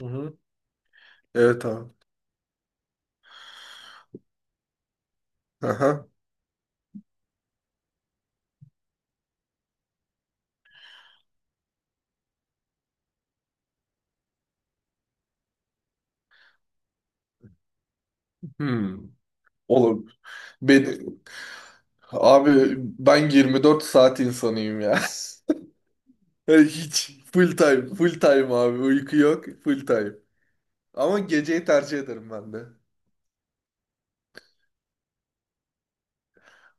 Hı hı. Evet abi. Aha. Hmm. Oğlum beni Abi ben 24 saat insanıyım ya. Hiç full time, full time abi. Uyku yok, full time. Ama geceyi tercih ederim ben de.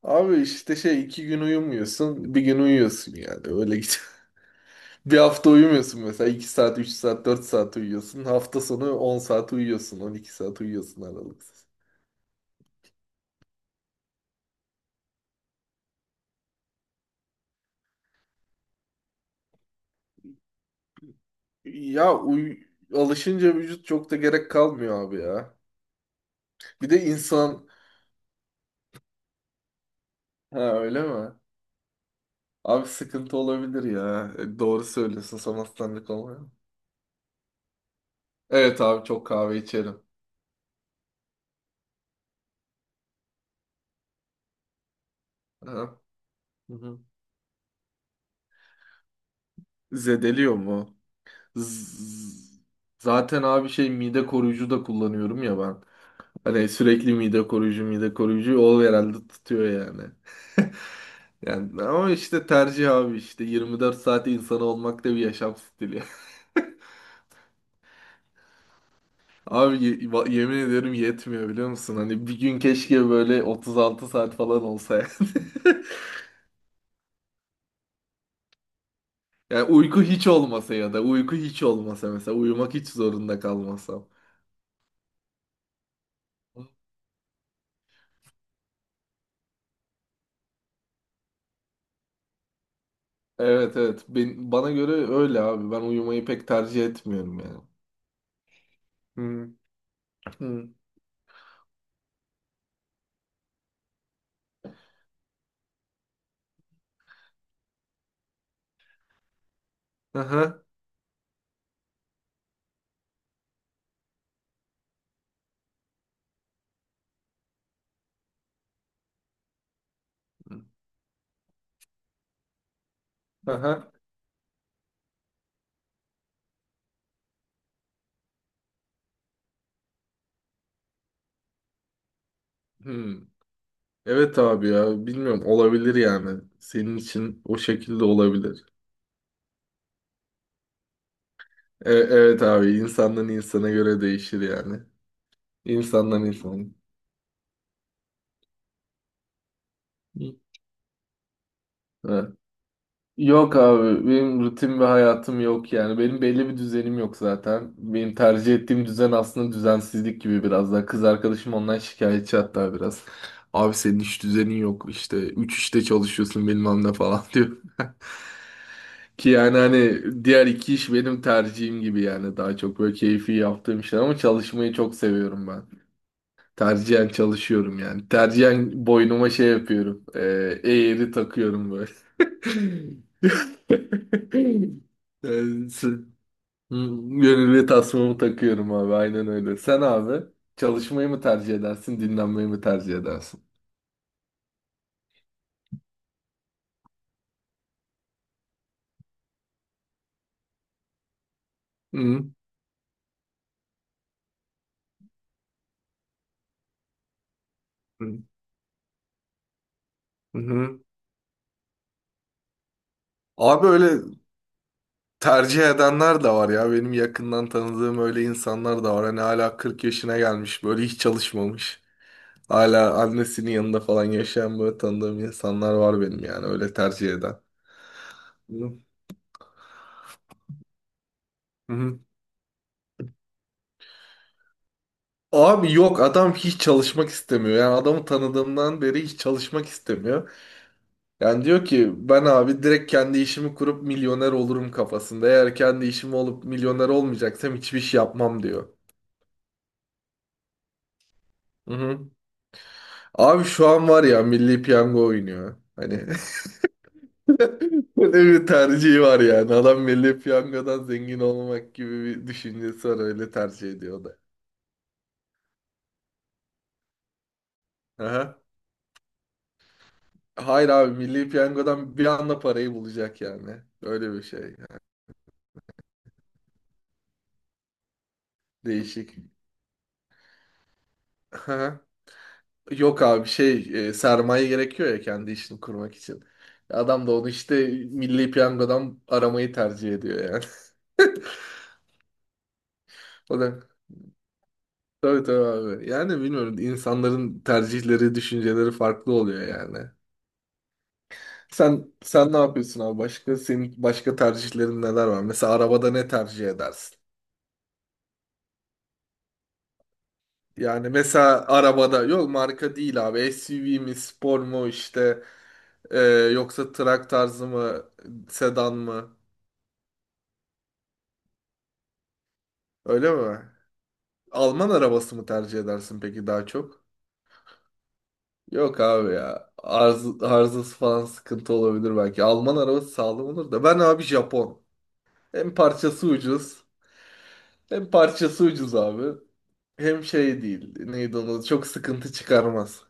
Abi işte şey 2 gün uyumuyorsun, bir gün uyuyorsun yani. Öyle git. Bir hafta uyumuyorsun mesela 2 saat, 3 saat, 4 saat uyuyorsun. Hafta sonu 10 saat uyuyorsun, 12 saat uyuyorsun aralıksız. Ya alışınca vücut çok da gerek kalmıyor abi ya. Bir de insan... Ha, öyle mi? Abi sıkıntı olabilir ya. E, doğru söylüyorsun, sanatsanlık olmuyor. Evet abi, çok kahve içerim. Aha. Hı hı. Zedeliyor mu? Z- Zaten abi şey mide koruyucu da kullanıyorum ya ben. Hani sürekli mide koruyucu mide koruyucu, o herhalde tutuyor yani. Yani ama işte tercih abi, işte 24 saat insan olmak da bir yaşam stili. Abi yemin ederim yetmiyor, biliyor musun? Hani bir gün keşke böyle 36 saat falan olsa yani. Yani uyku hiç olmasa, ya da uyku hiç olmasa mesela, uyumak hiç zorunda kalmasam. Evet, evet, bana göre öyle abi. Ben uyumayı pek tercih etmiyorum yani. Hı hı. Aha. Aha. Hı. Evet abi, ya bilmiyorum, olabilir yani. Senin için o şekilde olabilir. Evet abi, insandan insana göre değişir yani. İnsandan insana. Hı. Yok abi, benim rutin ve hayatım yok yani, benim belli bir düzenim yok. Zaten benim tercih ettiğim düzen aslında düzensizlik gibi. Biraz daha kız arkadaşım ondan şikayetçi hatta, biraz abi senin hiç düzenin yok işte, üç işte çalışıyorsun bilmem ne falan diyor ki, yani hani diğer iki iş benim tercihim gibi yani, daha çok böyle keyfi yaptığım işler, ama çalışmayı çok seviyorum ben. Tercihen çalışıyorum yani. Tercihen boynuma şey yapıyorum. Eğri takıyorum böyle. Yani sı- Hmm. Gönüllü tasmamı takıyorum abi. Aynen öyle. Sen abi çalışmayı mı tercih edersin, dinlenmeyi mi tercih edersin? Hı hı. Hı. Abi öyle tercih edenler de var ya. Benim yakından tanıdığım öyle insanlar da var. Hani hala 40 yaşına gelmiş böyle, hiç çalışmamış. Hala annesinin yanında falan yaşayan böyle tanıdığım insanlar var benim, yani öyle tercih eden. Hı hı. Abi yok, adam hiç çalışmak istemiyor. Yani adamı tanıdığımdan beri hiç çalışmak istemiyor. Yani diyor ki, ben abi direkt kendi işimi kurup milyoner olurum kafasında. Eğer kendi işim olup milyoner olmayacaksam hiçbir şey yapmam diyor. Hı hı. Abi şu an var ya, Milli Piyango oynuyor. Hani böyle bir tercihi var yani. Adam Milli Piyango'dan zengin olmak gibi bir düşüncesi var, öyle tercih ediyor da. Aha. Hayır abi, Milli Piyango'dan bir anda parayı bulacak yani. Öyle bir şey yani. Değişik. Aha. Yok abi şey, sermaye gerekiyor ya kendi işini kurmak için. Adam da onu işte Milli Piyango'dan aramayı tercih ediyor yani. O da tabii tabii abi. Yani bilmiyorum, insanların tercihleri, düşünceleri farklı oluyor yani. Sen ne yapıyorsun abi? Başka, senin başka tercihlerin neler var? Mesela arabada ne tercih edersin? Yani mesela arabada, yok marka değil abi, SUV mi, spor mu işte, e, yoksa trak tarzı mı, sedan mı? Öyle mi? Alman arabası mı tercih edersin peki daha çok? Yok abi ya, arzası falan sıkıntı olabilir belki. Alman arabası sağlam olur da, ben abi Japon. Hem parçası ucuz, hem parçası ucuz abi, hem şey değil neydi, onu çok sıkıntı çıkarmaz.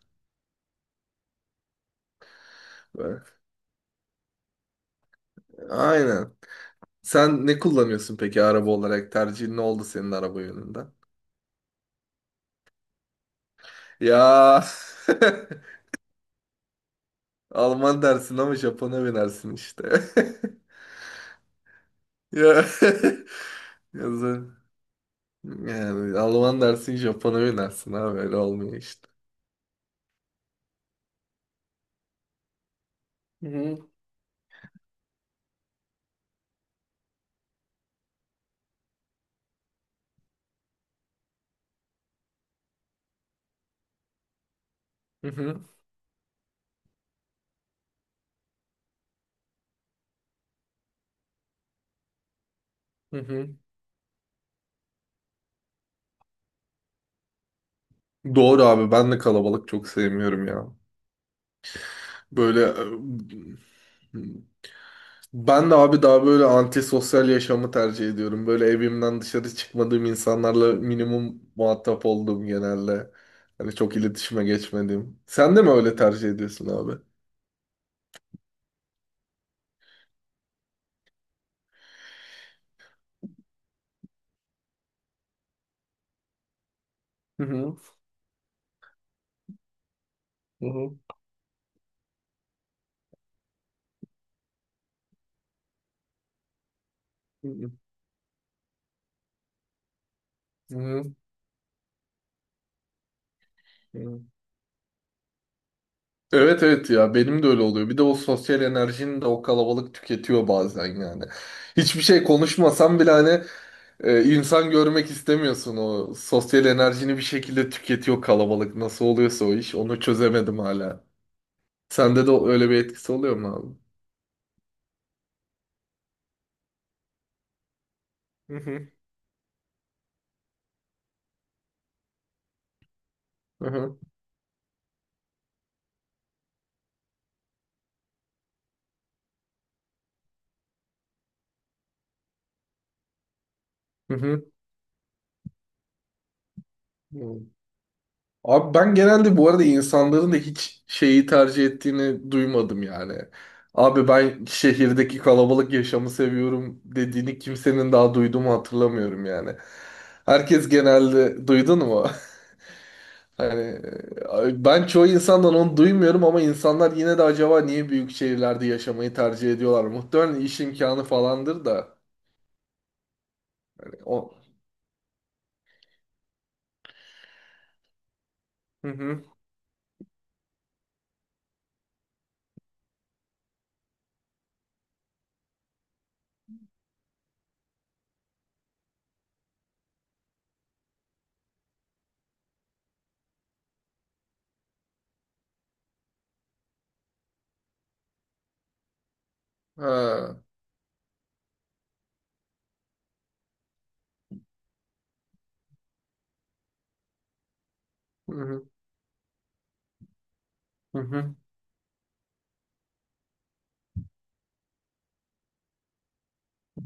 Böyle. Aynen. Sen ne kullanıyorsun peki araba olarak? Tercihin ne oldu senin araba yönünde? Ya, Alman dersin ama Japon'a binersin işte. Ya, yazı- yani Alman dersin, Japon'a binersin abi, öyle olmuyor işte. Hı hı, hı hı, hı hı. Doğru abi, ben de kalabalık çok sevmiyorum ya. Böyle. e, Ben de abi daha böyle antisosyal yaşamı tercih ediyorum. Böyle evimden dışarı çıkmadığım, insanlarla minimum muhatap olduğum genelde. Hani çok iletişime geçmediğim. Sen de mi öyle tercih ediyorsun abi? Hı hı. Hı hı. Hı hı. Hı hı. Evet, evet, ya benim de öyle oluyor. Bir de o sosyal enerjini de o kalabalık tüketiyor bazen yani. Hiçbir şey konuşmasam bile hani, insan görmek istemiyorsun, o sosyal enerjini bir şekilde tüketiyor kalabalık. Nasıl oluyorsa o iş, onu çözemedim hala. Sende de öyle bir etkisi oluyor mu abi? Hı hı. Hı hı. Hı hı. Hı. Abi ben genelde bu arada insanların da hiç şeyi tercih ettiğini duymadım yani. Abi ben, şehirdeki kalabalık yaşamı seviyorum dediğini kimsenin daha duyduğumu hatırlamıyorum yani. Herkes genelde, duydun mu? Hani ben çoğu insandan onu duymuyorum, ama insanlar yine de acaba niye büyük şehirlerde yaşamayı tercih ediyorlar? Muhtemelen iş imkanı falandır da. Hani o. Hı hı. Ha. Hı hı. Hı hı,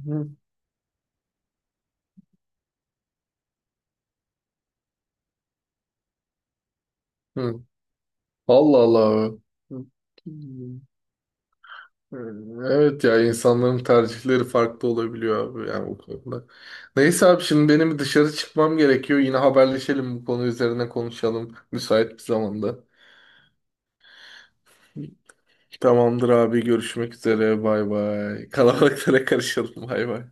hı hı. Allah Allah. Evet ya, insanların tercihleri farklı olabiliyor abi yani bu konuda. Neyse abi, şimdi benim dışarı çıkmam gerekiyor. Yine haberleşelim, bu konu üzerine konuşalım müsait bir zamanda. Tamamdır abi, görüşmek üzere, bay bay. Kalabalıklara karışalım, bay bay.